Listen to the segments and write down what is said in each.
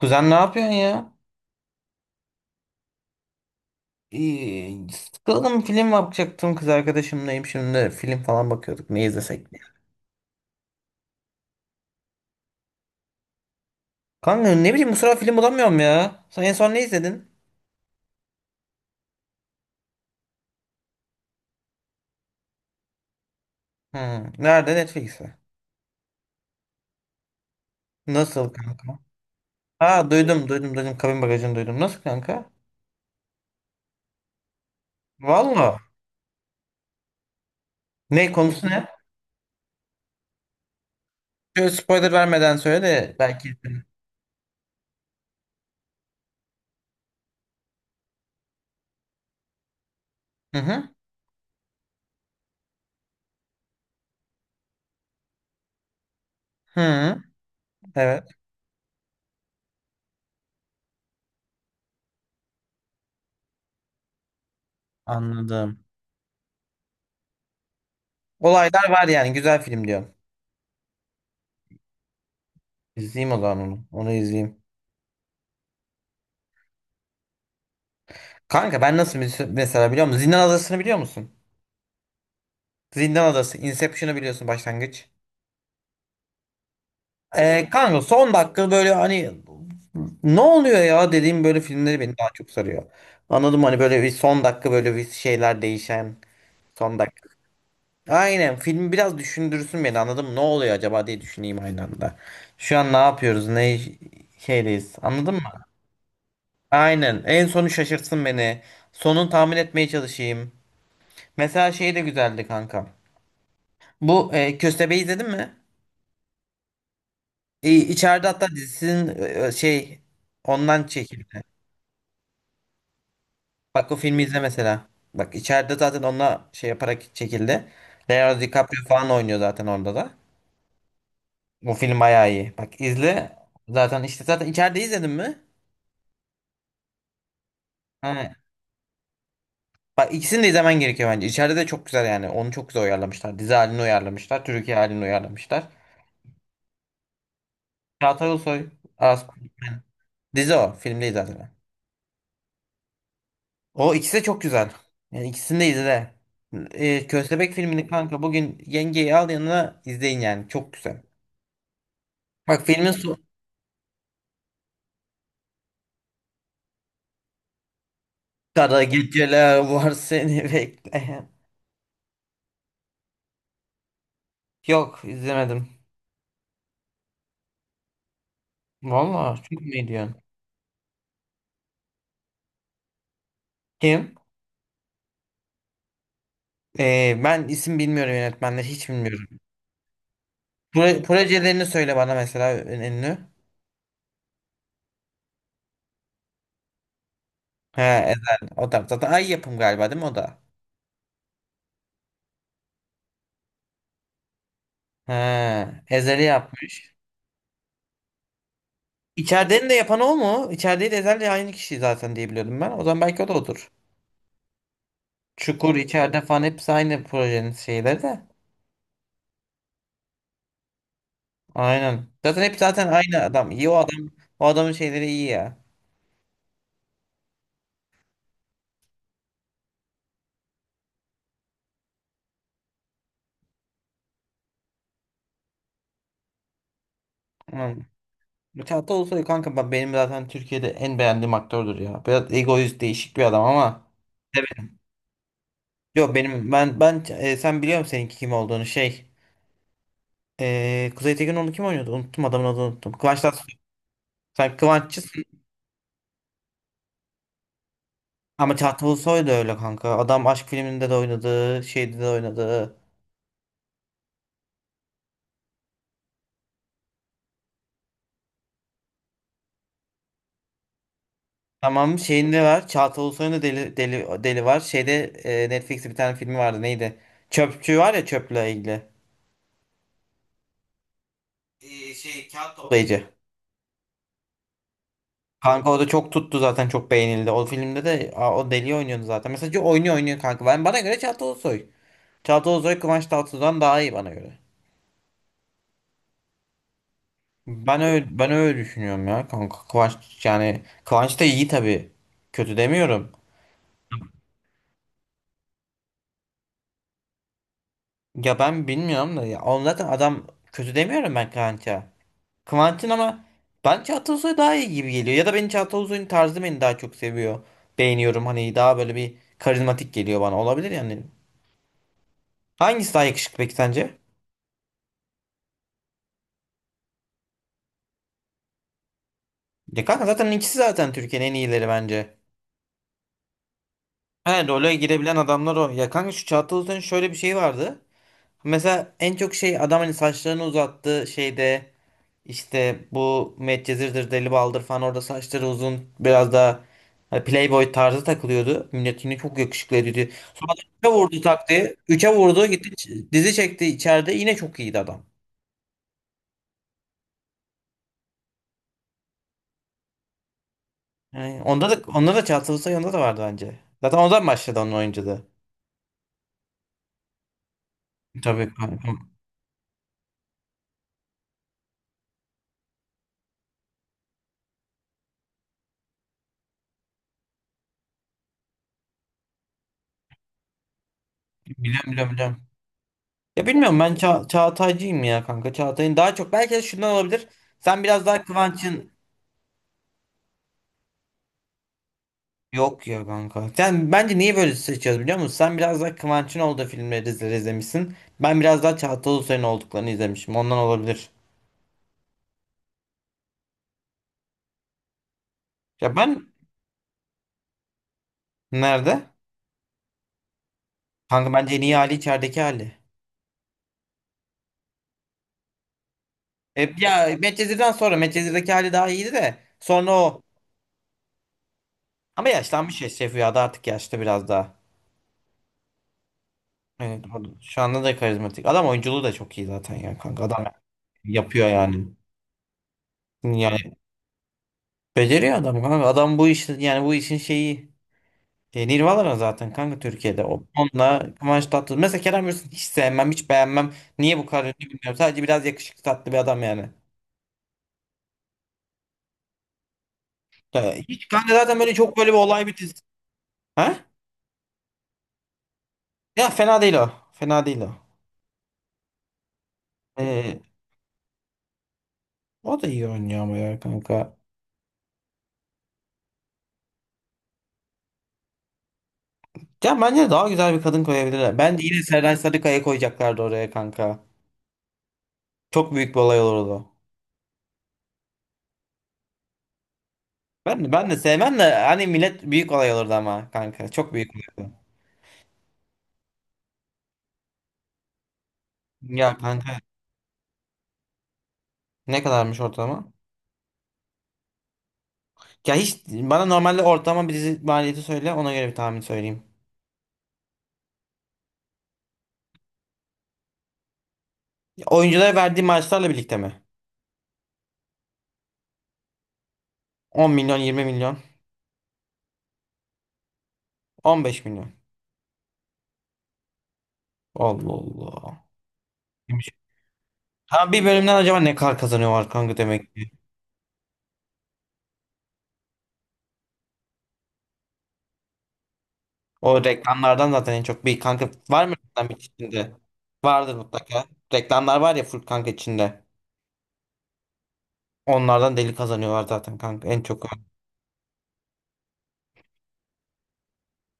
Kuzen ne yapıyorsun ya? İyi, sıkıldım, film bakacaktım, kız arkadaşımlayım şimdi, film falan bakıyorduk ne izlesek diye. Kanka ne bileyim, bu sıra film bulamıyorum ya. Sen en son ne izledin? Hmm, nerede, Netflix'te. Nasıl kanka? Ha, duydum duydum duydum, kabin bagajını duydum. Nasıl kanka? Valla. Ne konusu ne? Şöyle spoiler vermeden söyle de belki izlerim. Hı hı. Hı hı. Evet. Anladım. Olaylar var yani, güzel film diyorum. İzleyeyim o zaman onu. Onu izleyeyim. Kanka ben nasıl, mesela biliyor musun? Zindan Adası'nı biliyor musun? Zindan Adası, Inception'ı biliyorsun, başlangıç. Kanka son dakika, böyle hani ne oluyor ya dediğim, böyle filmleri beni daha çok sarıyor. Anladım, hani böyle bir son dakika, böyle bir şeyler değişen son dakika. Aynen, film biraz düşündürsün beni, anladım. Ne oluyor acaba diye düşüneyim aynı anda. Şu an ne yapıyoruz? Ne şeydeyiz? Anladın mı? Aynen. En sonu şaşırtsın beni. Sonunu tahmin etmeye çalışayım. Mesela şey de güzeldi kanka. Bu Köstebeği izledin mi? İçeride hatta dizisinin şey, ondan çekildi. Bak o filmi izle mesela. Bak, içeride zaten onunla şey yaparak çekildi. Leonardo DiCaprio falan oynuyor zaten orada da. Bu film bayağı iyi. Bak izle. Zaten işte zaten, içeride izledin mi? Ha. Bak, ikisini de izlemen gerekiyor bence. İçeride de çok güzel yani. Onu çok güzel uyarlamışlar. Dizi halini uyarlamışlar. Türkiye halini uyarlamışlar. Çağatay Ulusoy. az- Dizi o. Film değil zaten. O ikisi de çok güzel. Yani ikisini de izle. Köstebek filmini kanka, bugün yengeyi al yanına izleyin yani. Çok güzel. Bak filmin sonu. Kara geceler var seni bekleyen. Yok, izlemedim. Vallahi çok mu iyi diyorsun? Kim? Ben isim bilmiyorum, yönetmenleri hiç bilmiyorum. Projelerini söyle bana mesela, en ünlü. He, Ezel. O da zaten Ay Yapım galiba değil mi o da? He, Ezel'i yapmış. İçeridenin de yapan o mu? İçerideyi de Ezel'le aynı kişi zaten diye biliyordum ben. O zaman belki o da odur. Çukur, içeride falan hepsi aynı projenin şeyleri de. Aynen. Zaten hep zaten aynı adam. İyi o adam. O adamın şeyleri iyi ya. Aynen. Çağatay Ulusoy kanka, benim zaten Türkiye'de en beğendiğim aktördür ya. Biraz egoist, değişik bir adam ama. Evet. Yok benim, sen biliyor musun seninki kim olduğunu, şey. Kuzey Tekinoğlu kim oynuyordu? Unuttum, adamın adını unuttum. Kıvanç Tatlıtuğ. Sen Kıvanççı. Ama Çağatay Ulusoy da öyle kanka. Adam aşk filminde de oynadı, şeyde de oynadı. Tamam şeyinde var. Çağatay Ulusoy'un da deli, deli, deli var. Şeyde Netflix'te bir tane filmi vardı, neydi? Çöpçü var ya, çöple ilgili. Şey, kağıt toplayıcı. Kanka o da çok tuttu zaten, çok beğenildi. O filmde de o deli oynuyordu zaten. Mesela oynuyor, oynuyor kanka. Bana göre Çağatay Ulusoy. Çağatay Ulusoy Kıvanç Tatlıtuğ'dan daha iyi bana göre. Ben öyle düşünüyorum ya kanka. Kıvanç, yani Kıvanç da iyi tabii. Kötü demiyorum. Ya ben bilmiyorum da ya. Oğlum zaten adam, kötü demiyorum ben Kıvanç'a. Kıvanç'ın ama, ben Çağatay Ulusoy daha iyi gibi geliyor. Ya da benim, Çağatay Ulusoy'un tarzı beni daha çok seviyor. Beğeniyorum hani, daha böyle bir karizmatik geliyor bana. Olabilir yani. Hangisi daha yakışıklı peki sence? Ya kanka zaten ikisi zaten Türkiye'nin en iyileri bence. He, role girebilen adamlar o. Ya kanka, şu Çağatay Ulusoy'un şöyle bir şeyi vardı. Mesela en çok şey, adam hani saçlarını uzattı şeyde. İşte bu Medcezir'dir, Deli Baldır falan, orada saçları uzun biraz daha, hani Playboy tarzı takılıyordu. Millet yine çok yakışıklı ediyordu. Sonra üçe vurdu taktiği. Üçe vurdu gitti, dizi çekti içeride, yine çok iyiydi adam. Yani onda da Çağatay Ulusoy, onda da vardı bence. Zaten ondan başladı onun oyunculuğu. Tabii kanka. Biliyorum biliyorum biliyorum. Ya bilmiyorum, ben Çağatay'cıyım ya kanka. Çağatay'ın daha çok, belki de şundan olabilir. Sen biraz daha Kıvanç'ın. Yok ya kanka. Sen bence niye böyle seçiyoruz biliyor musun? Sen biraz daha Kıvanç'ın olduğu filmleri izlemişsin. Ben biraz daha Çağatay Ulusoy'un olduklarını izlemişim. Ondan olabilir. Ya ben, nerede? Kanka bence en iyi hali içerideki hali. Ya Medcezir'den sonra, Medcezir'deki hali daha iyiydi de. Sonra o. Ama yaşlanmış ya, Şef Rüya'da artık yaşlı biraz daha. Evet, şu anda da karizmatik. Adam oyunculuğu da çok iyi zaten ya kanka. Adam yapıyor yani. Yani beceriyor adam kanka. Adam bu işi, yani bu işin şeyi. Nirvana zaten kanka Türkiye'de o. Onunla Kıvanç Tatlıtuğ. Mesela Kerem Bürsin hiç sevmem, hiç beğenmem. Niye bu kadar ünlü bilmiyorum. Sadece biraz yakışıklı, tatlı bir adam yani. Ya hiç kanka, zaten böyle çok, böyle bir olay bir dizi. Ha? Ya fena değil o. Fena değil o. E, o da iyi oynuyor ama ya kanka. Ya bence daha güzel bir kadın koyabilirler. Bence yine Serenay Sarıkaya koyacaklardı oraya kanka. Çok büyük bir olay olurdu. Ben de sevmem de, hani millet, büyük olay olurdu ama kanka. Çok büyük olay olurdu. Ya kanka ne kadarmış ortalama? Ya hiç, bana normalde ortalama bir dizi maliyeti söyle, ona göre bir tahmin söyleyeyim. Ya oyunculara verdiği maaşlarla birlikte mi? 10 milyon, 20 milyon, 15 milyon. Allah Allah. Kimmiş? Ha, bir bölümden acaba ne kadar kazanıyorlar kanka demek ki. O reklamlardan zaten en çok, bir kanka var mı reklam içinde? Vardır mutlaka. Reklamlar var ya full kanka içinde. Onlardan deli kazanıyorlar zaten kanka en çok.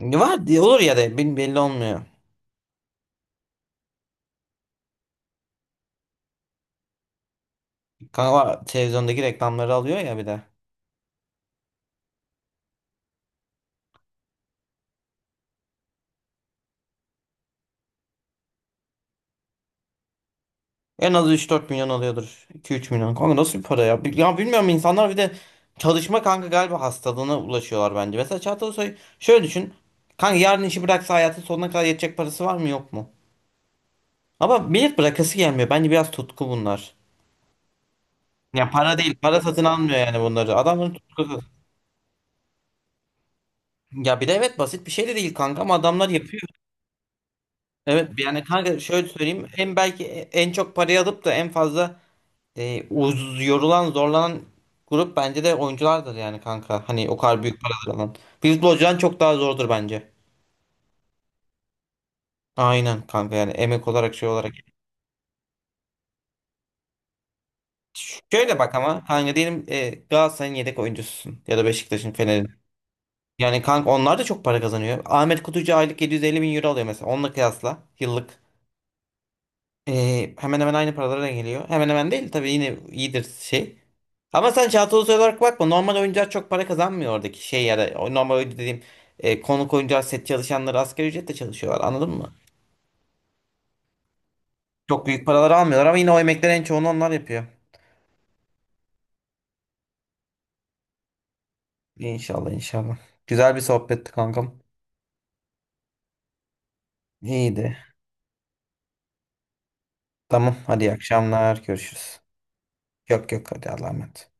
Var diye olur ya da belli olmuyor. Kanka o televizyondaki reklamları alıyor ya bir de. En az 3-4 milyon alıyordur. 2, 3 milyon. Kanka nasıl bir para ya? Ya bilmiyorum, insanlar bir de çalışma kanka galiba hastalığına ulaşıyorlar bence. Mesela Çağatay Ulusoy şöyle düşün. Kanka yarın işi bıraksa hayatın sonuna kadar yetecek parası var mı, yok mu? Ama millet bırakası gelmiyor. Bence biraz tutku bunlar. Ya para değil. Para satın almıyor yani bunları. Adamların tutkusu. Ya bir de evet, basit bir şey de değil kanka ama adamlar yapıyor. Evet yani kanka, şöyle söyleyeyim. En belki en çok parayı alıp da en fazla, yorulan, zorlanan grup bence de oyunculardır yani kanka. Hani o kadar büyük paralar alan. Futbolcudan çok daha zordur bence. Aynen kanka, yani emek olarak, şey olarak. Şöyle bak ama, hani diyelim Galatasaray'ın yedek oyuncususun, ya da Beşiktaş'ın, Fener'in. Yani kanka onlar da çok para kazanıyor. Ahmet Kutucu aylık 750 bin euro alıyor mesela. Onunla kıyasla yıllık. Hemen hemen aynı paralara geliyor. Hemen hemen değil tabii, yine iyidir şey. Ama sen Çağatay Ulusoy olarak bakma. Normal oyuncular çok para kazanmıyor oradaki şey, ya da o normal oyuncu dediğim konuk oyuncular, set çalışanları asgari ücretle çalışıyorlar, anladın mı? Çok büyük paralar almıyorlar ama yine o emeklerin en çoğunu onlar yapıyor. İnşallah, inşallah. Güzel bir sohbetti kankam. İyiydi. Tamam hadi, iyi akşamlar, görüşürüz. Yok yok, hadi Allah'a emanet.